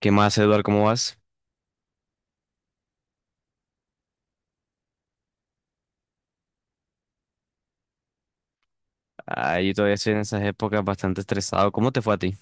¿Qué más, Eduardo? ¿Cómo vas? Ahí todavía estoy en esas épocas bastante estresado. ¿Cómo te fue a ti?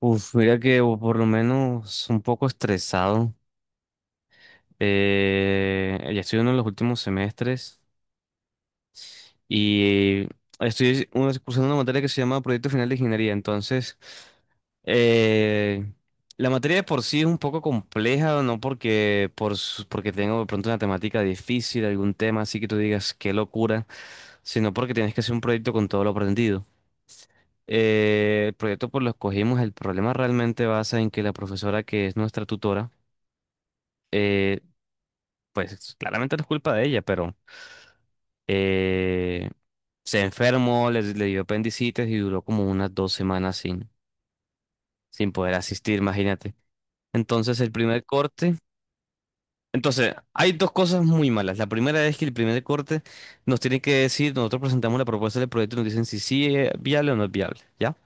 Uf, mira que o por lo menos un poco estresado. Ya estoy en uno de los últimos semestres y cursando una materia que se llama Proyecto Final de Ingeniería. Entonces, eh, la materia de por sí es un poco compleja, no porque tengo de pronto una temática difícil, algún tema así que tú digas qué locura, sino porque tienes que hacer un proyecto con todo lo aprendido. El proyecto por lo escogimos, el problema realmente basa en que la profesora que es nuestra tutora, eh, pues claramente no es culpa de ella, pero eh, se enfermó, le dio apendicitis y duró como unas 2 semanas sin poder asistir, imagínate. Entonces el primer corte, entonces hay dos cosas muy malas. La primera es que el primer corte nos tienen que decir, nosotros presentamos la propuesta del proyecto y nos dicen si sí es viable o no es viable, ¿ya?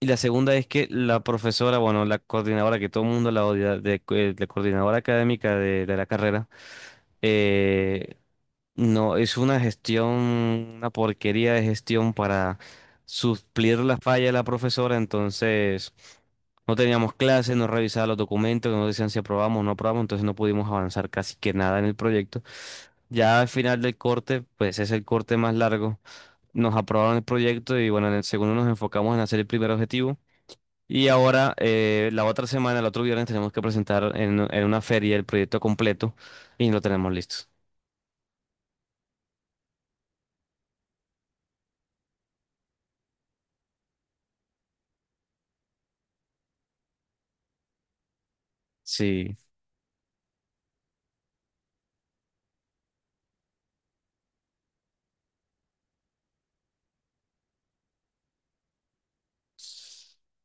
Y la segunda es que la profesora, bueno, la coordinadora que todo el mundo la odia, la coordinadora académica de la carrera, eh, no, es una gestión, una porquería de gestión para suplir la falla de la profesora, entonces no teníamos clases, no revisaba los documentos, no decían si aprobamos o no aprobamos, entonces no pudimos avanzar casi que nada en el proyecto. Ya al final del corte, pues es el corte más largo, nos aprobaron el proyecto y bueno, en el segundo nos enfocamos en hacer el primer objetivo. Y ahora, la otra semana, el otro viernes, tenemos que presentar en una feria el proyecto completo y lo tenemos listo. Sí.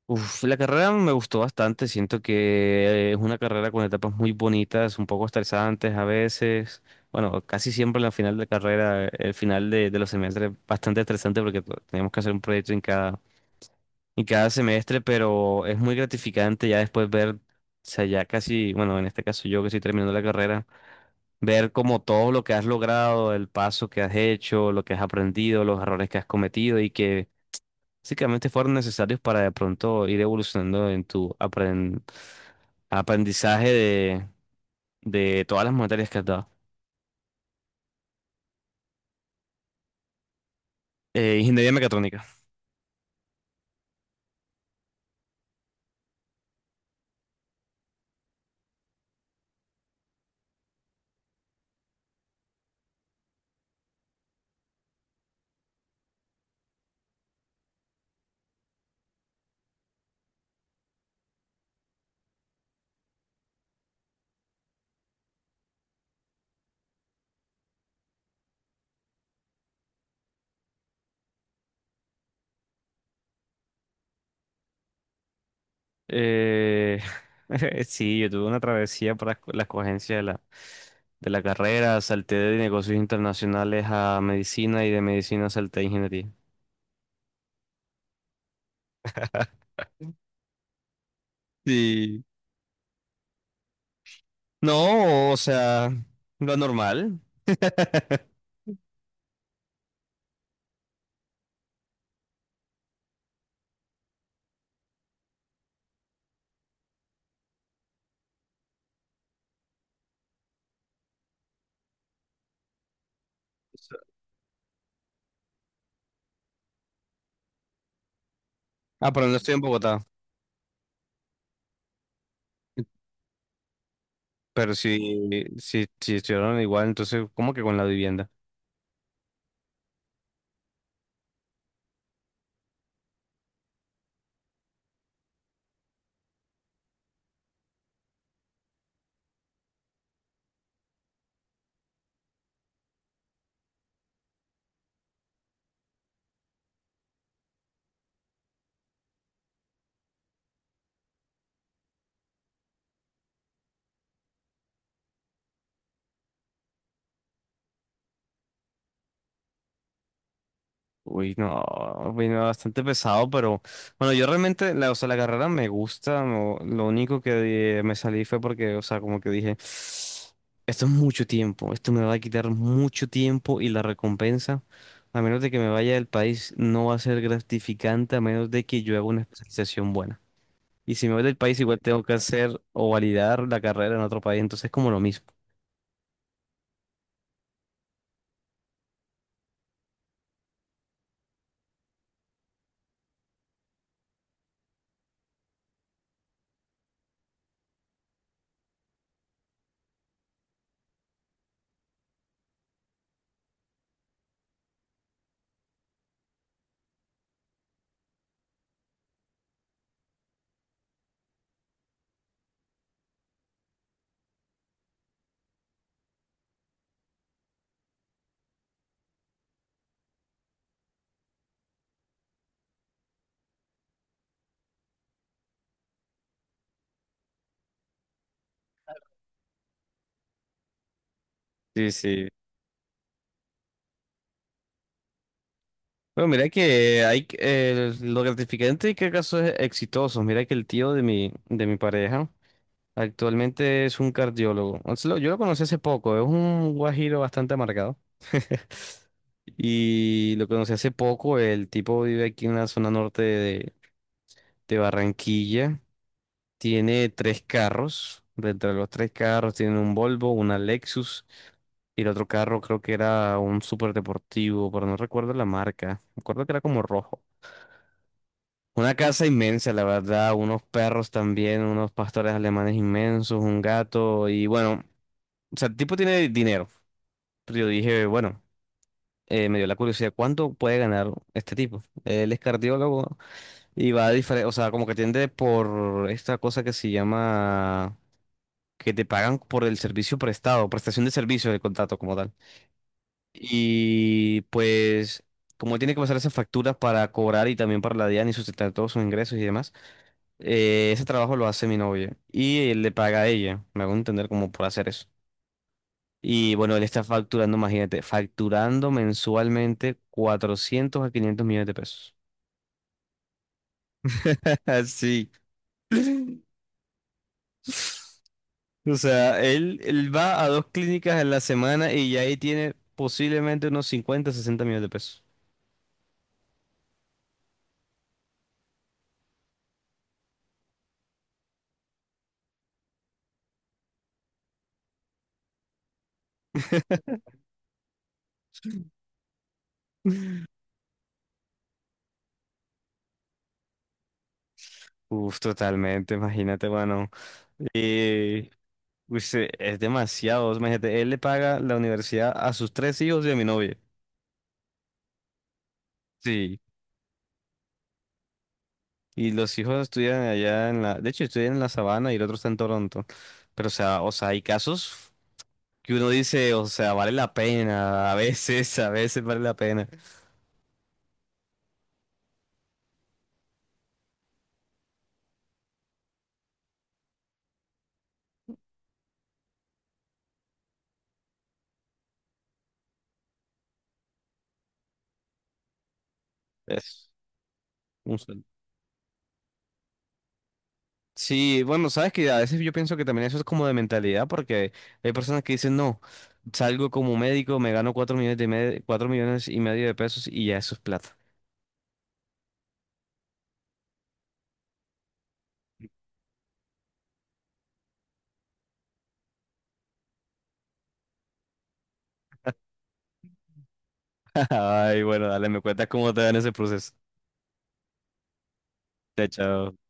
Uf, la carrera me gustó bastante. Siento que es una carrera con etapas muy bonitas, un poco estresantes a veces. Bueno, casi siempre la final de carrera, el final de los semestres, bastante estresante porque tenemos que hacer un proyecto en cada semestre, pero es muy gratificante ya después ver, o sea, ya casi, bueno, en este caso yo que estoy terminando la carrera ver como todo lo que has logrado, el paso que has hecho, lo que has aprendido, los errores que has cometido y que básicamente fueron necesarios para de pronto ir evolucionando en tu aprendizaje de todas las materias que has dado. Ingeniería mecatrónica. Eh, sí, yo tuve una travesía para la escogencia de la carrera, salté de negocios internacionales a medicina y de medicina salté a ingeniería. Sí. No, o sea, lo normal. Ah, pero no estoy en Bogotá. Pero si estuvieron igual, entonces, ¿cómo que con la vivienda? Uy, no, vino bastante pesado, pero bueno, yo realmente, la, o sea, la carrera me gusta, no- lo único que me salí fue porque, o sea, como que dije, esto es mucho tiempo, esto me va a quitar mucho tiempo y la recompensa, a menos de que me vaya del país, no va a ser gratificante, a menos de que yo haga una especialización buena. Y si me voy del país, igual tengo que hacer o validar la carrera en otro país, entonces es como lo mismo. Sí, sí. Bueno, mira que lo gratificante que casos exitosos. Mira que el tío de mi pareja actualmente es un cardiólogo. O sea, lo- Yo lo conocí hace poco, es un guajiro bastante amargado. Y lo conocí hace poco, el tipo vive aquí en la zona norte de Barranquilla. Tiene tres carros. Dentro de los tres carros tiene un Volvo, una Lexus y el otro carro creo que era un super deportivo, pero no recuerdo la marca. Recuerdo que era como rojo. Una casa inmensa, la verdad, unos perros también, unos pastores alemanes inmensos, un gato y bueno, o sea, el tipo tiene dinero. Pero yo dije, bueno, me dio la curiosidad, ¿cuánto puede ganar este tipo? Él es cardiólogo y va a diferente, o sea, como que tiende por esta cosa que se llama que te pagan por el servicio prestado, prestación de servicio del contrato como tal. Y pues, como tiene que pasar esas facturas para cobrar y también para la DIAN y sustentar todos sus ingresos y demás, ese trabajo lo hace mi novia y él le paga a ella, me hago entender como por hacer eso. Y bueno, él está facturando, imagínate, facturando mensualmente 400 a 500 millones de pesos. Así. O sea, él va a dos clínicas en la semana y ya ahí tiene posiblemente unos 50 60 millones de pesos. Uf, totalmente, imagínate, bueno. Y pues, es demasiado, imagínate, él le paga la universidad a sus tres hijos y a mi novia. Sí. Y los hijos estudian allá en la, de hecho, estudian en la Sabana y el otro está en Toronto. Pero, o sea, hay casos que uno dice, o sea, vale la pena, a veces vale la pena. Es un sueldo. Sí, bueno, sabes que a veces yo pienso que también eso es como de mentalidad, porque hay personas que dicen, no, salgo como médico, me gano 4 millones 4,5 millones de pesos y ya eso es plata. Ay, bueno, dale, me cuentas cómo te va en ese proceso. Chao, chao.